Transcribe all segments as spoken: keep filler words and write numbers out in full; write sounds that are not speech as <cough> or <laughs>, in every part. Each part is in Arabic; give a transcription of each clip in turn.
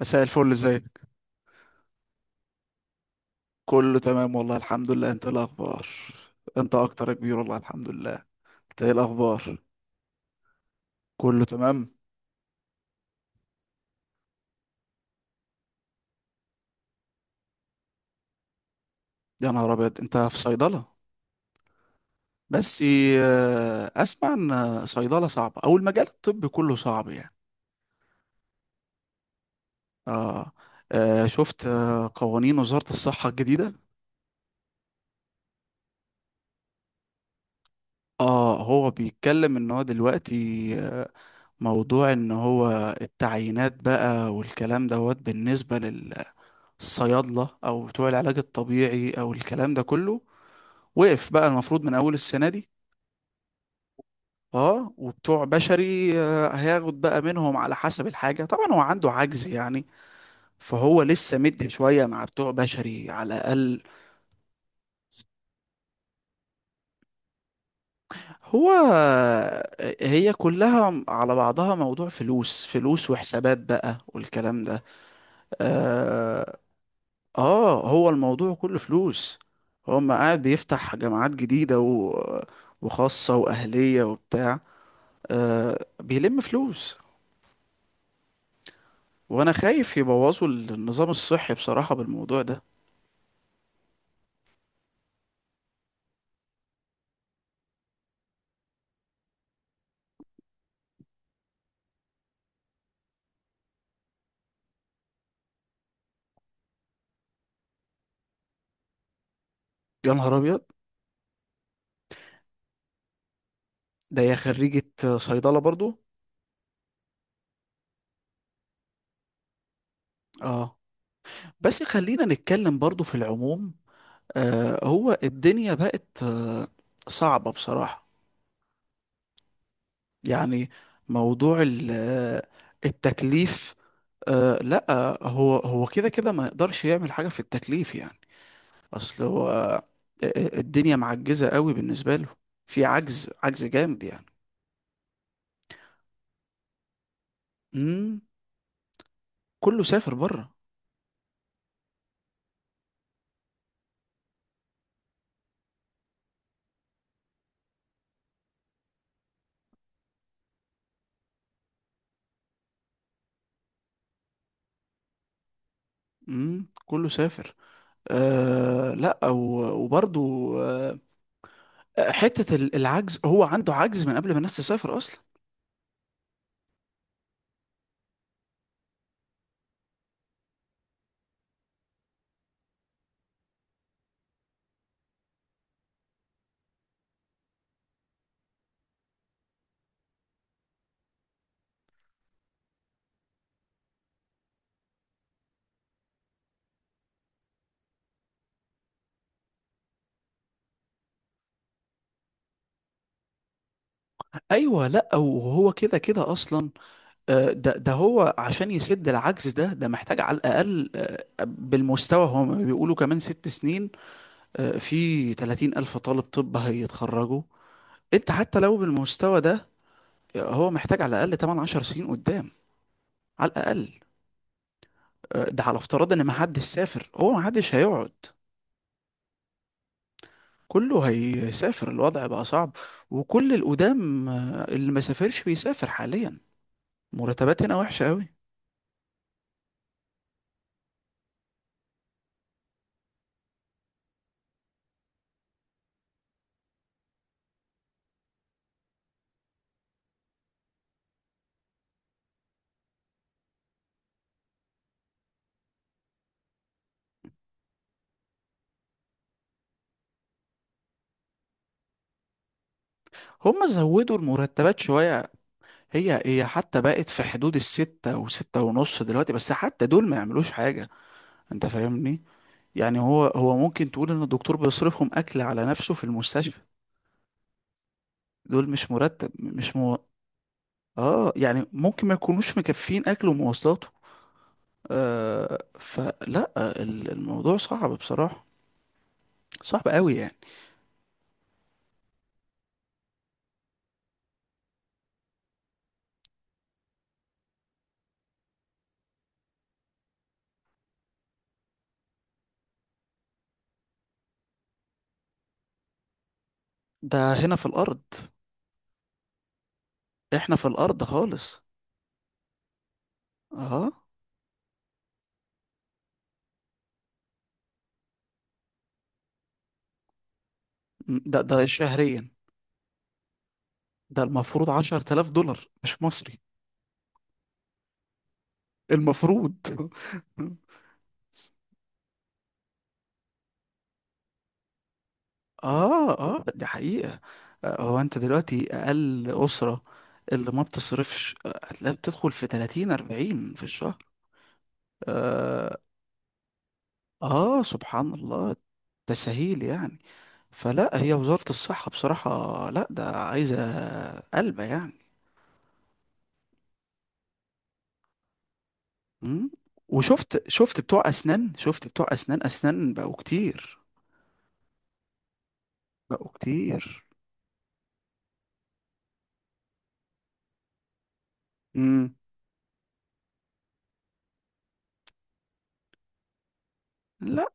مساء الفل، ازيك؟ كله تمام والله، الحمد لله. انت ايه الاخبار؟ انت اكتر يا كبير، والله الحمد لله. انت ايه الاخبار؟ كله تمام. يا نهار ابيض، انت في صيدله؟ بس آه، اسمع ان صيدله صعبه، او المجال الطبي كله صعب يعني. اه, آه شفت آه، قوانين وزاره الصحه الجديده. اه هو بيتكلم ان هو دلوقتي آه، موضوع ان هو التعيينات بقى والكلام دوت، بالنسبه الصيادلة أو بتوع العلاج الطبيعي أو الكلام ده كله وقف بقى، المفروض من أول السنة دي. اه وبتوع بشري آه، هياخد بقى منهم على حسب الحاجة، طبعا هو عنده عجز يعني، فهو لسه مد شوية مع بتوع بشري على الأقل. هو آه، هي كلها على بعضها موضوع فلوس، فلوس وحسابات بقى والكلام ده. آه، اه هو الموضوع كله فلوس. هو ما قاعد بيفتح جامعات جديدة و... وخاصة وأهلية وبتاع، آه بيلم فلوس. وأنا خايف يبوظوا النظام الصحي بصراحة بالموضوع ده. يا نهار أبيض، ده هي خريجة صيدلة برضو؟ اه، بس خلينا نتكلم برضو في العموم. آه هو الدنيا بقت آه صعبة بصراحة يعني. موضوع ال- آه، التكليف، أه لا، هو هو كده كده ما يقدرش يعمل حاجة في التكليف يعني. اصل هو آه، آه، الدنيا معجزة قوي بالنسبة له. في عجز، عجز جامد يعني. امم كله سافر بره. امم كله سافر. أه لا، و- وبرضو أه، حتة ال- العجز، هو عنده عجز من قبل ما الناس تسافر اصلا. ايوه لا، وهو كده كده اصلا. آه، ده ده هو عشان يسد العجز ده، ده محتاج على الاقل آه، بالمستوى، هم بيقولوا كمان ست سنين. آه، في تلاتين ألف طالب طب هيتخرجوا. أنت حتى لو بالمستوى ده، هو محتاج على الأقل ثمانية عشر سنين قدام، على الأقل. آه، ده على افتراض إن محدش سافر، هو محدش هيقعد. كله هيسافر، الوضع بقى صعب. وكل القدام آه، اللي ما سافرش بيسافر حاليا. مرتبات هنا وحشة قوي. هما زودوا المرتبات شوية. هي هي حتى بقت في حدود الستة وستة ونص دلوقتي، بس حتى دول ما يعملوش حاجة. انت فاهمني؟ يعني هو هو ممكن تقول ان الدكتور بيصرفهم اكل على نفسه في المستشفى. دول مش مرتب، مش مو... اه يعني ممكن ما يكونوش مكفين اكله ومواصلاته. آه فلا ال- الموضوع صعب بصراحة، صعب قوي يعني. ده هنا في الارض، احنا في الارض خالص. اه م- ده ده شهريا؟ ده المفروض عشرة آلاف دولار، مش مصري المفروض. <laughs> اه اه، دي حقيقة. آه، هو انت دلوقتي اقل اسرة اللي ما بتصرفش آه، هتلاقيها بتدخل في تلاتين اربعين في الشهر. آه, اه سبحان الله، تسهيل يعني. فلا هي وزارة الصحة بصراحة، لا ده عايزة قلبة يعني. مم. وشفت شفت بتوع اسنان، شفت بتوع اسنان اسنان بقوا كتير، بقوا كتير. مم. لا،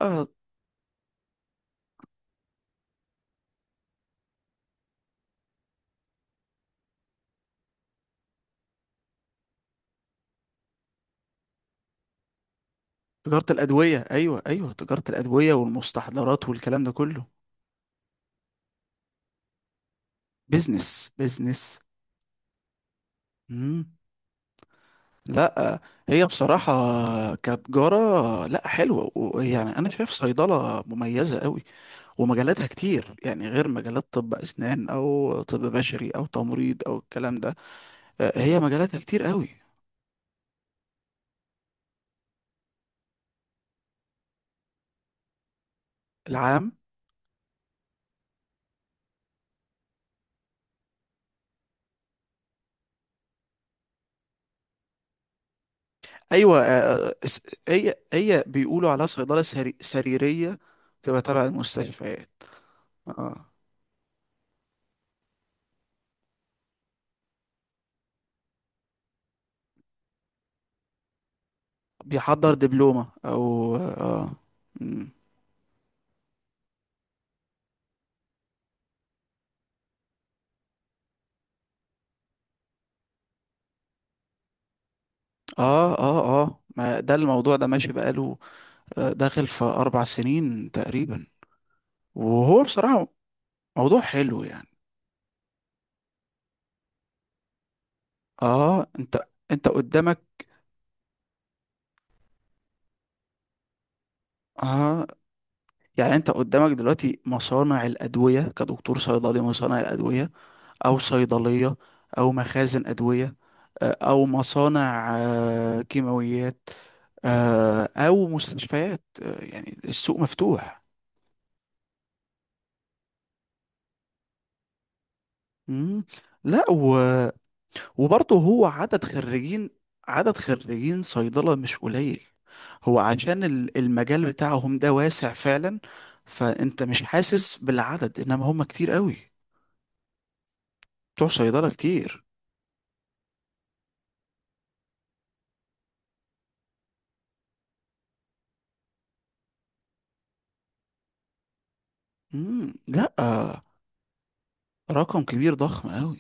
تجارة الأدوية، أيوة أيوة، تجارة الأدوية والمستحضرات والكلام ده كله. بيزنس بيزنس. مم. لا آه، هي بصراحة كتجارة لا حلوة، ويعني أنا شايف صيدلة مميزة قوي، ومجالاتها كتير يعني غير مجالات طب أسنان أو طب بشري أو تمريض أو الكلام ده. آه، هي مجالاتها كتير قوي. العام، أيوة آه، آه، آه، س- هي هي بيقولوا عليها صيدلة سري سريرية، تبقى تبع المستشفيات. اه، بيحضر دبلومة أو اه. آه، مم. اه اه اه، ما ده الموضوع ده ماشي بقاله آه، داخل في اربع سنين تقريبا، وهو بصراحة موضوع حلو يعني. اه، انت انت قدامك. اه يعني انت قدامك دلوقتي مصانع الادوية، كدكتور صيدلي مصانع الادوية او صيدلية او مخازن ادوية آه، او مصانع آه، كيماويات آه، او مستشفيات. آه، يعني السوق مفتوح. مم. لا وبرضه هو عدد خريجين، عدد خريجين صيدلة مش قليل، هو عشان ال- المجال بتاعهم ده واسع فعلا، فانت مش حاسس بالعدد، انما هم كتير قوي، بتوع صيدلة كتير. مم. لا آه، رقم كبير، ضخم قوي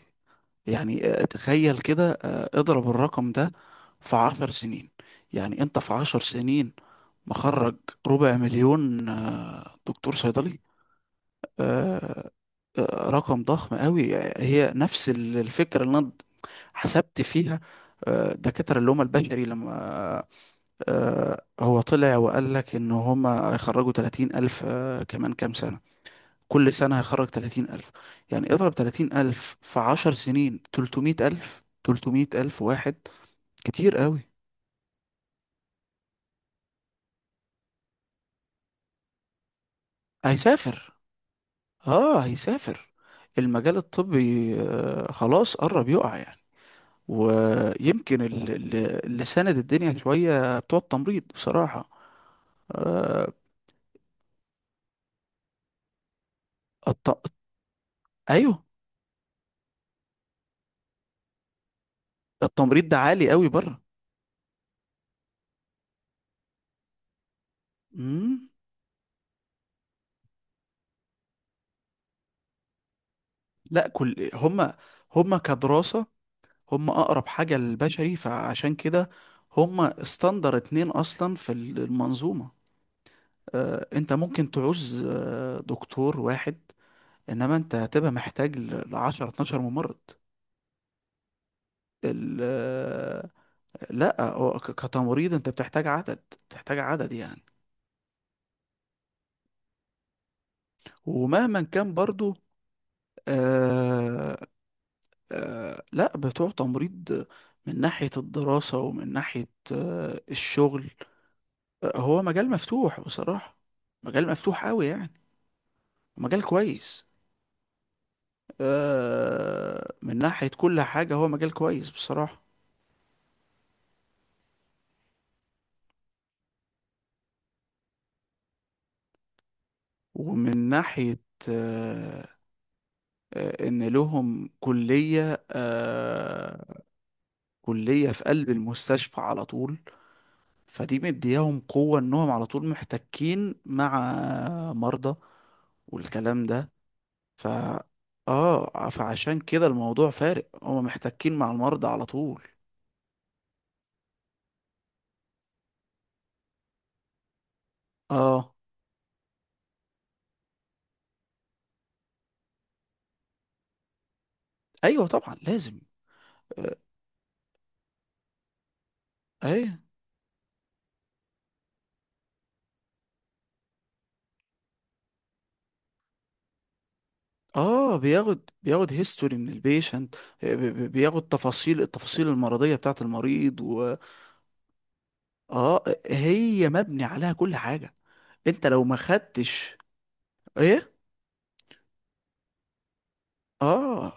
يعني. آه، تخيل كده آه، اضرب الرقم ده في عشر سنين، يعني انت في عشر سنين مخرج ربع مليون آه، دكتور صيدلي. آه، آه، رقم ضخم قوي. هي نفس ال- الفكرة اللي انا حسبت فيها آه، دكاترة اللي هم البشري، لما آه، هو طلع وقال لك ان هم هيخرجوا تلاتين ألف آه، كمان كام سنة، كل سنة هيخرج تلاتين ألف. يعني اضرب تلاتين ألف في عشر سنين، تلتميت ألف، تلتميت ألف واحد. كتير قوي. هيسافر، اه هيسافر. المجال الطبي آه، خلاص قرب يقع يعني. ويمكن ال- ال- اللي ساند الدنيا شوية بتوع التمريض بصراحة. آه، الت... أيوه. التمريض ده عالي قوي بره. مم. لا كل هما، هما كدراسة، هما أقرب حاجة للبشري، فعشان كده هما استندر اتنين أصلا في ال- المنظومة. آه، أنت ممكن تعوز آه، دكتور واحد، إنما أنت هتبقى محتاج ل عشر اتناشر ممرض. ال- لا هو ك- كتمريض انت بتحتاج عدد، بتحتاج عدد يعني. ومهما كان برضو آه آه لا بتوع تمريض من ناحية الدراسة ومن ناحية آه الشغل، آه هو مجال مفتوح بصراحة، مجال مفتوح قوي يعني. مجال كويس آه من ناحية كل حاجة. هو مجال كويس بصراحة، ومن ناحية آه آه ان لهم كلية، آه كلية في قلب المستشفى على طول، فدي مدياهم قوة انهم على طول محتكين مع مرضى والكلام ده. ف اه فعشان كده الموضوع فارق، هما محتكين مع المرضى على طول. اه ايوه طبعا لازم. آه، ايوه اه بياخد بياخد هيستوري من البيشنت، بياخد تفاصيل، التفاصيل المرضية بتاعت المريض. و اه هي مبني عليها كل حاجة. انت لو ما خدتش ايه. اه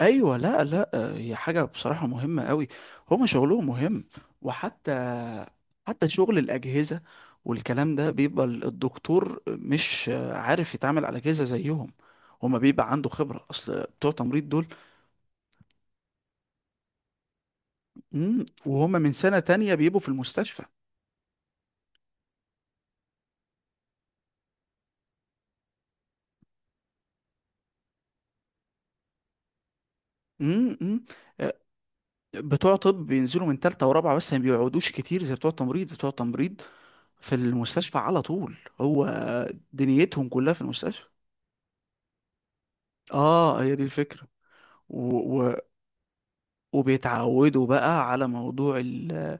ايوه لا لا، هي حاجه بصراحه مهمه قوي، هما شغلهم مهم. وحتى حتى شغل الاجهزه والكلام ده، بيبقى ال- الدكتور مش عارف يتعامل على اجهزه زيهم. هما بيبقى عنده خبره، اصل بتوع تمريض دول مم، وهما من سنه تانية بيبقوا في المستشفى. مم، مم. بتوع طب بينزلوا من تالتة ورابعة، بس ما بيقعدوش كتير زي بتوع تمريض. بتوع تمريض في المستشفى على طول، هو دنيتهم كلها في المستشفى. اه هي دي الفكرة. و- و- وبيتعودوا بقى على موضوع ال-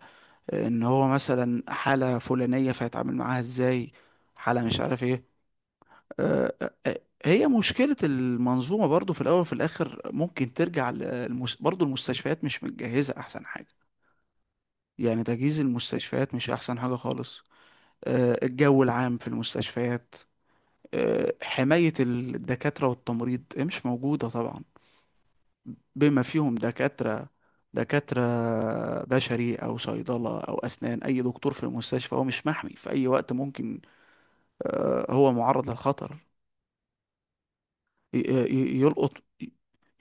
ان هو مثلا حالة فلانية فيتعامل معاها ازاي، حالة مش عارف ايه. آه، آه، آه، هي مشكلة المنظومة برضو في الاول وفي الاخر ممكن ترجع ل- المس... برضو المستشفيات مش متجهزة احسن حاجة يعني، تجهيز المستشفيات مش احسن حاجة خالص. آه، الجو العام في المستشفيات، آه، حماية الدكاترة والتمريض آه، مش موجودة طبعا، بما فيهم دكاترة. دكاترة بشري أو صيدلة أو أسنان، أي دكتور في المستشفى هو مش محمي، في أي وقت ممكن آه، هو معرض للخطر. ي- آه، ي- يلقط،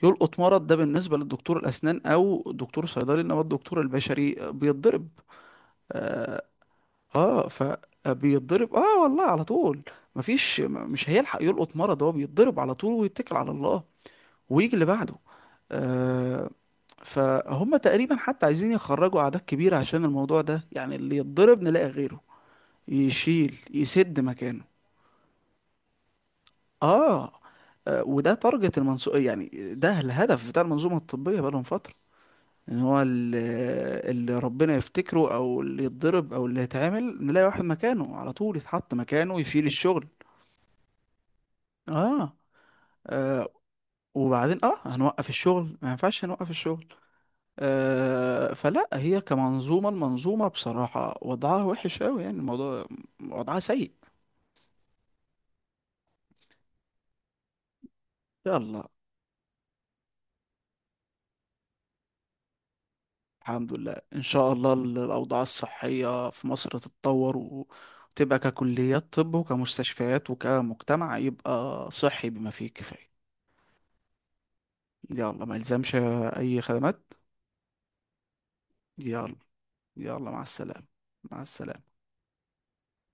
يلقط مرض. ده بالنسبة للدكتور الأسنان أو دكتور صيدلي، إنما الدكتور البشري بيتضرب. آه آه، فبيتضرب آه والله على طول. مفيش م- مش هيلحق يلقط مرض، هو بيتضرب على طول ويتكل على الله، ويجي اللي بعده. آه فهم تقريبا حتى عايزين يخرجوا أعداد كبيرة عشان الموضوع ده يعني، اللي يتضرب نلاقي غيره يشيل، يسد مكانه. آه آه، وده تارجت المنظومة يعني، ده الهدف بتاع المنظومة الطبية بقالهم فترة، ان هو ال- اللي ربنا يفتكره او اللي يتضرب او اللي يتعامل نلاقي واحد مكانه على طول يتحط مكانه يشيل الشغل. اه, آه وبعدين اه هنوقف الشغل، ما ينفعش نوقف الشغل. آه، فلا هي كمنظومة، المنظومة بصراحة وضعها وحش أوي يعني، الموضوع وضعها سيء. يلا، الحمد لله، إن شاء الله ال- الأوضاع الصحية في مصر تتطور، و- وتبقى ككليات طب وكمستشفيات وكمجتمع يبقى صحي بما فيه الكفاية. يلا ما يلزمش أي خدمات. يلا، يلا مع السلامة. مع السلامة.